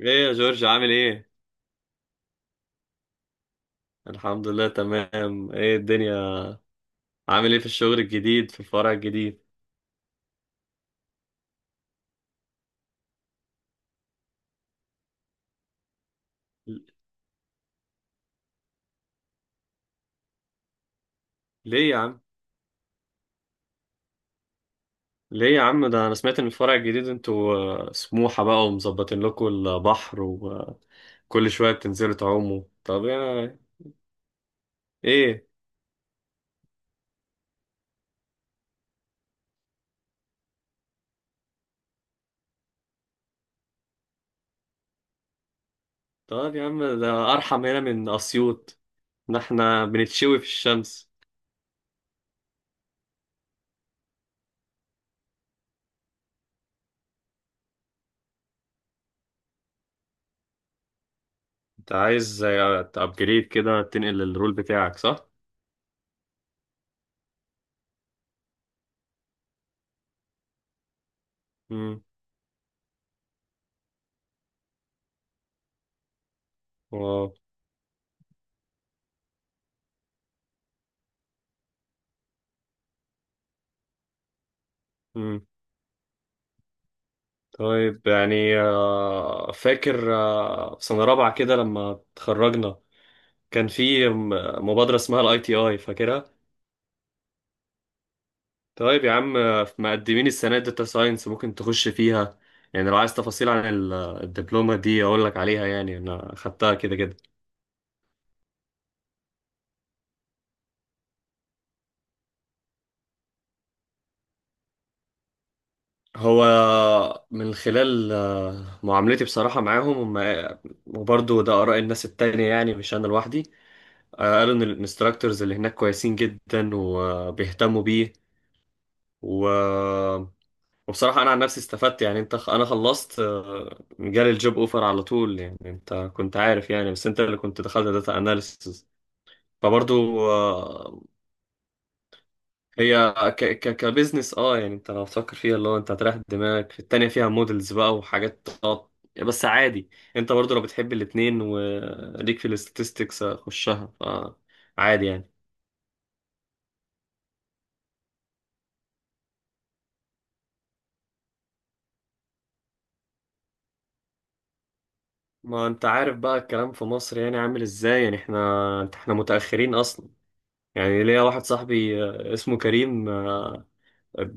ايه يا جورج عامل ايه؟ الحمد لله تمام. ايه الدنيا، عامل ايه في الشغل الجديد في الفرع الجديد؟ ل- ليه يا عم؟ ليه يا عم، ده انا سمعت ان الفرع الجديد انتوا سموحة بقى ومظبطين لكم البحر وكل شوية بتنزلوا تعوموا. طب يا ايه؟ طب يا عم ده ارحم هنا من اسيوط، ده احنا بنتشوي في الشمس. انت عايز تابجريد كده تنقل الرول بتاعك، صح؟ امم واو. طيب يعني فاكر في سنة رابعة كده لما اتخرجنا كان في مبادرة اسمها الاي تي اي، فاكرها؟ طيب يا عم مقدمين السنة داتا ساينس ممكن تخش فيها، يعني لو عايز تفاصيل عن الدبلومة دي اقول لك عليها، يعني انا خدتها كده كده. هو من خلال معاملتي بصراحة معاهم هم وبرضه ده آراء الناس التانية يعني مش أنا لوحدي. قالوا إن الانستراكتورز اللي هناك كويسين جدا وبيهتموا بيه. و وبصراحة أنا عن نفسي استفدت، يعني أنت أنا خلصت جالي الجوب أوفر على طول، يعني أنت كنت عارف يعني، بس أنت اللي كنت دخلت داتا أناليسز. فبرضو هي ك كبزنس أه، يعني أنت لو تفكر فيها اللي هو أنت هتريح دماغك في التانية فيها مودلز بقى وحاجات بس عادي، أنت برضو لو بتحب الاتنين وليك في الاستاتستكس خشها. فعادي يعني. ما أنت عارف بقى الكلام في مصر يعني عامل إزاي، يعني إحنا متأخرين أصلا. يعني ليا واحد صاحبي اسمه كريم،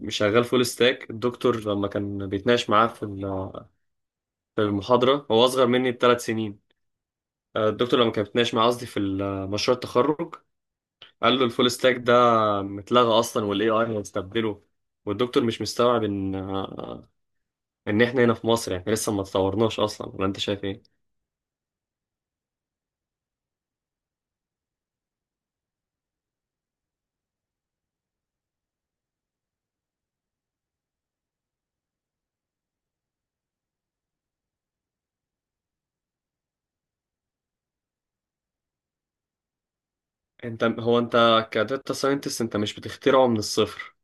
شغال فول ستاك. الدكتور لما كان بيتناقش معاه في في المحاضرة، هو أصغر مني بـ3 سنين. الدكتور لما كان بيتناقش معاه قصدي في مشروع التخرج، قال له الفول ستاك ده متلغى أصلا والاي اي هيستبدله. والدكتور مش مستوعب ان ان احنا هنا في مصر يعني لسه ما اتطورناش اصلا، ولا انت شايف ايه. انت، هو انت كداتا ساينتست انت مش بتخترعه من الصفر.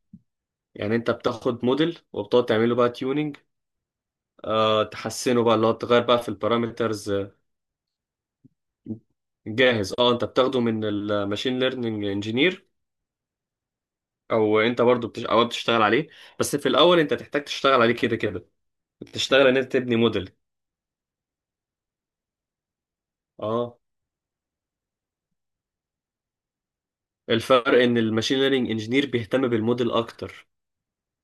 يعني انت بتاخد موديل وبتقعد تعمله بقى tuning، آه تحسنه بقى اللي هو تغير بقى في البارامترز. جاهز، اه انت بتاخده من الماشين ليرنينج انجينير، او انت برضو او بتشتغل عليه. بس في الاول انت تحتاج تشتغل عليه كده كده، تشتغل ان انت تبني موديل. اه. الفرق ان الماشين ليرنينج انجينير بيهتم بالموديل اكتر،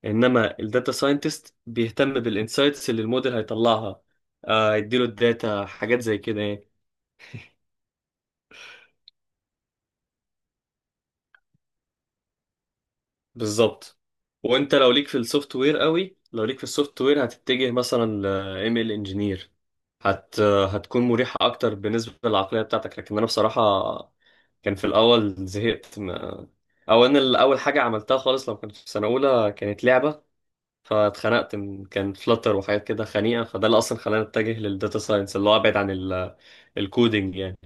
انما الداتا ساينتست بيهتم بالانسايتس اللي الموديل هيطلعها. يديله الداتا حاجات زي كده يعني. بالظبط. وانت لو ليك في السوفت وير قوي، لو ليك في السوفت وير هتتجه مثلا ل ML انجينير، هتكون مريحة اكتر بالنسبة للعقلية بتاعتك. لكن انا بصراحة كان في الاول زهقت. ما... او انا اول حاجة عملتها خالص لما كنت في سنة اولى كانت لعبة، فاتخنقت من كان فلتر وحاجات كده خنيقة، فده اللي اصلا خلاني اتجه للداتا ساينس اللي هو ابعد عن الكودينج يعني.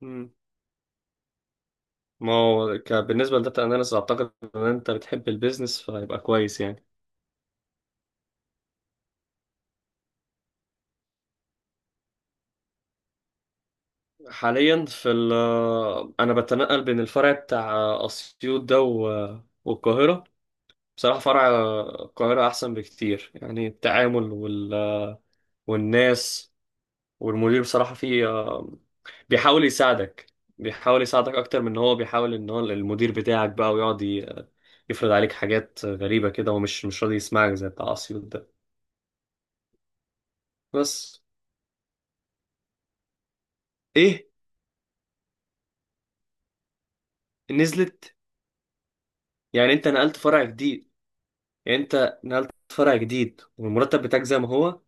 مم. ما هو بالنسبة للداتا اناليسز اعتقد ان انت بتحب البيزنس، فيبقى كويس يعني. حاليا في ال، انا بتنقل بين الفرع بتاع اسيوط ده والقاهره. بصراحه فرع القاهره احسن بكتير، يعني التعامل والناس. والمدير بصراحه فيه بيحاول يساعدك، بيحاول يساعدك اكتر من ان هو بيحاول ان هو المدير بتاعك بقى ويقعد يفرض عليك حاجات غريبة كده، ومش مش راضي يسمعك زي بتاع اسيوط ده. بس. ايه، نزلت. يعني انت نقلت فرع جديد، يعني انت نقلت فرع جديد والمرتب بتاعك زي ما هو.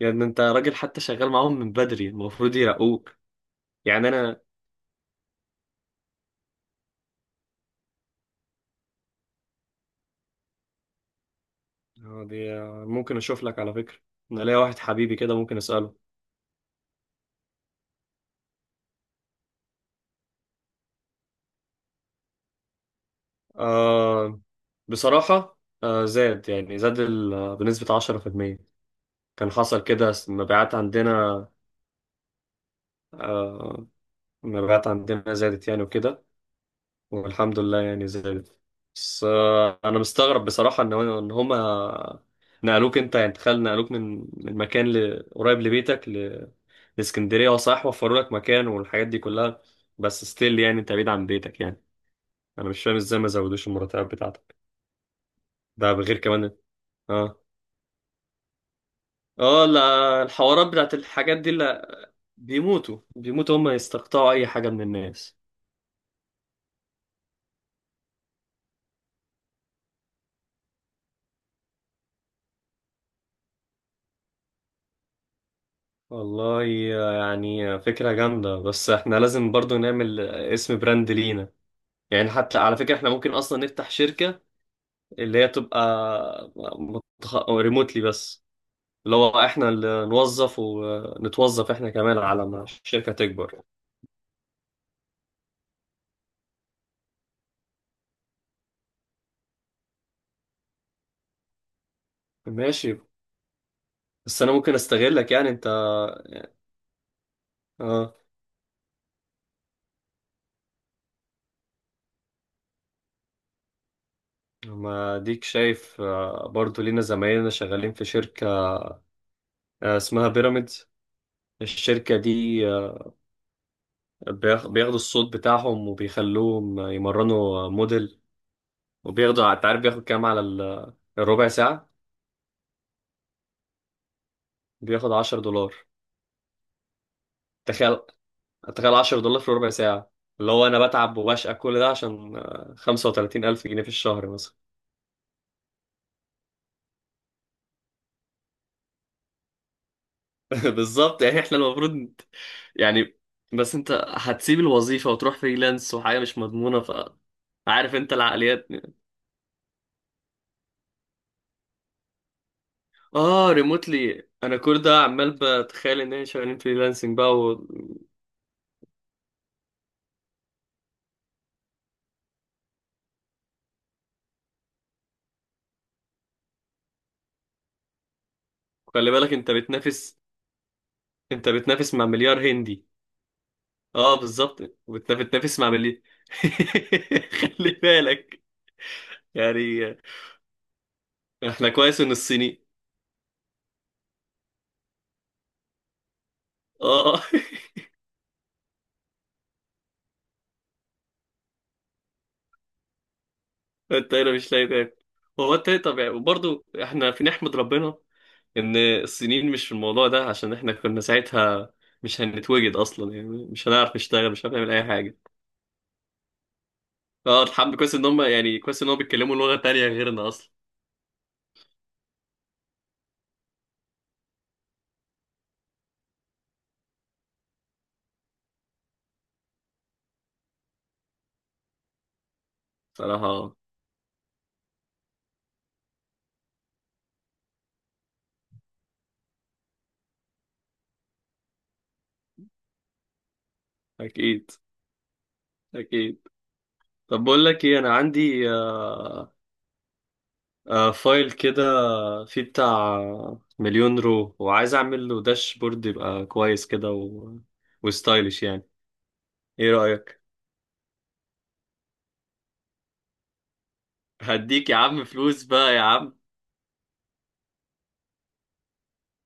يعني انت راجل حتى شغال معاهم من بدري، المفروض يرقوك. يعني انا، دي ممكن اشوف لك على فكرة. انا ليا واحد حبيبي كده، ممكن اسأله. آه. بصراحة آه زاد، يعني زاد بنسبة 10%. كان حصل كده، المبيعات عندنا آه، المبيعات عندنا زادت يعني وكده، والحمد لله يعني زادت. بس آه انا مستغرب بصراحة ان ان هما نقلوك انت. يعني تخيل، نقلوك من مكان قريب لبيتك، اسكندريه اه صح، وفروا لك مكان والحاجات دي كلها. بس ستيل يعني انت بعيد عن بيتك يعني. انا مش فاهم ازاي ما زودوش المرتبات بتاعتك، ده بغير كمان. اه. اه لا، الحوارات بتاعت الحاجات دي لا، بيموتوا هم يستقطعوا اي حاجه من الناس. والله، يعني فكره جامده، بس احنا لازم برضو نعمل اسم براند لينا. يعني حتى على فكره احنا ممكن اصلا نفتح شركه اللي هي تبقى ريموتلي بس، اللي هو احنا اللي نوظف ونتوظف احنا كمان على ما الشركة تكبر. ماشي. بس انا ممكن استغلك يعني انت. اه، ما ديك شايف برضو لينا زمايلنا شغالين في شركة اسمها بيراميدز. الشركة دي بياخدوا الصوت بتاعهم وبيخلوهم يمرنوا موديل، وبياخدوا انت عارف بياخد كام على الربع ساعة؟ بياخد $10. تخيل، تخيل $10 في ربع ساعة! اللي هو أنا بتعب وبشقى كل ده عشان 35,000 جنيه في الشهر مثلا. بالظبط. يعني احنا المفروض يعني. بس انت هتسيب الوظيفة وتروح فريلانس وحاجة مش مضمونة ف، عارف انت العقليات. اه ريموتلي، انا كل ده عمال بتخيل ان احنا شغالين فريلانسنج بقى وخلي بالك انت بتنافس، انت بتنافس مع مليار هندي. اه بالظبط، بتنافس مع مليار. خلي بالك يعني. احنا كويس ان الصيني، اه. انت هنا مش لاقي تاكل. هو انت ايه طبيعي. وبرضه احنا في، نحمد ربنا ان الصينيين مش في الموضوع ده، عشان احنا كنا ساعتها مش هنتوجد اصلا، يعني مش هنعرف نشتغل، مش هنعمل اي حاجه. اه الحمد، كويس ان هم يعني كويس ان هم بيتكلموا لغه تانية غيرنا اصلا. صراحه آه. اكيد، اكيد. طب بقول لك ايه، انا عندي آه، آه فايل كده فيه بتاع 1,000,000 رو، وعايز اعمل له داشبورد يبقى كويس كده وستايلش يعني. ايه رايك؟ هديك يا عم فلوس بقى يا عم.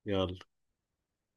يلا.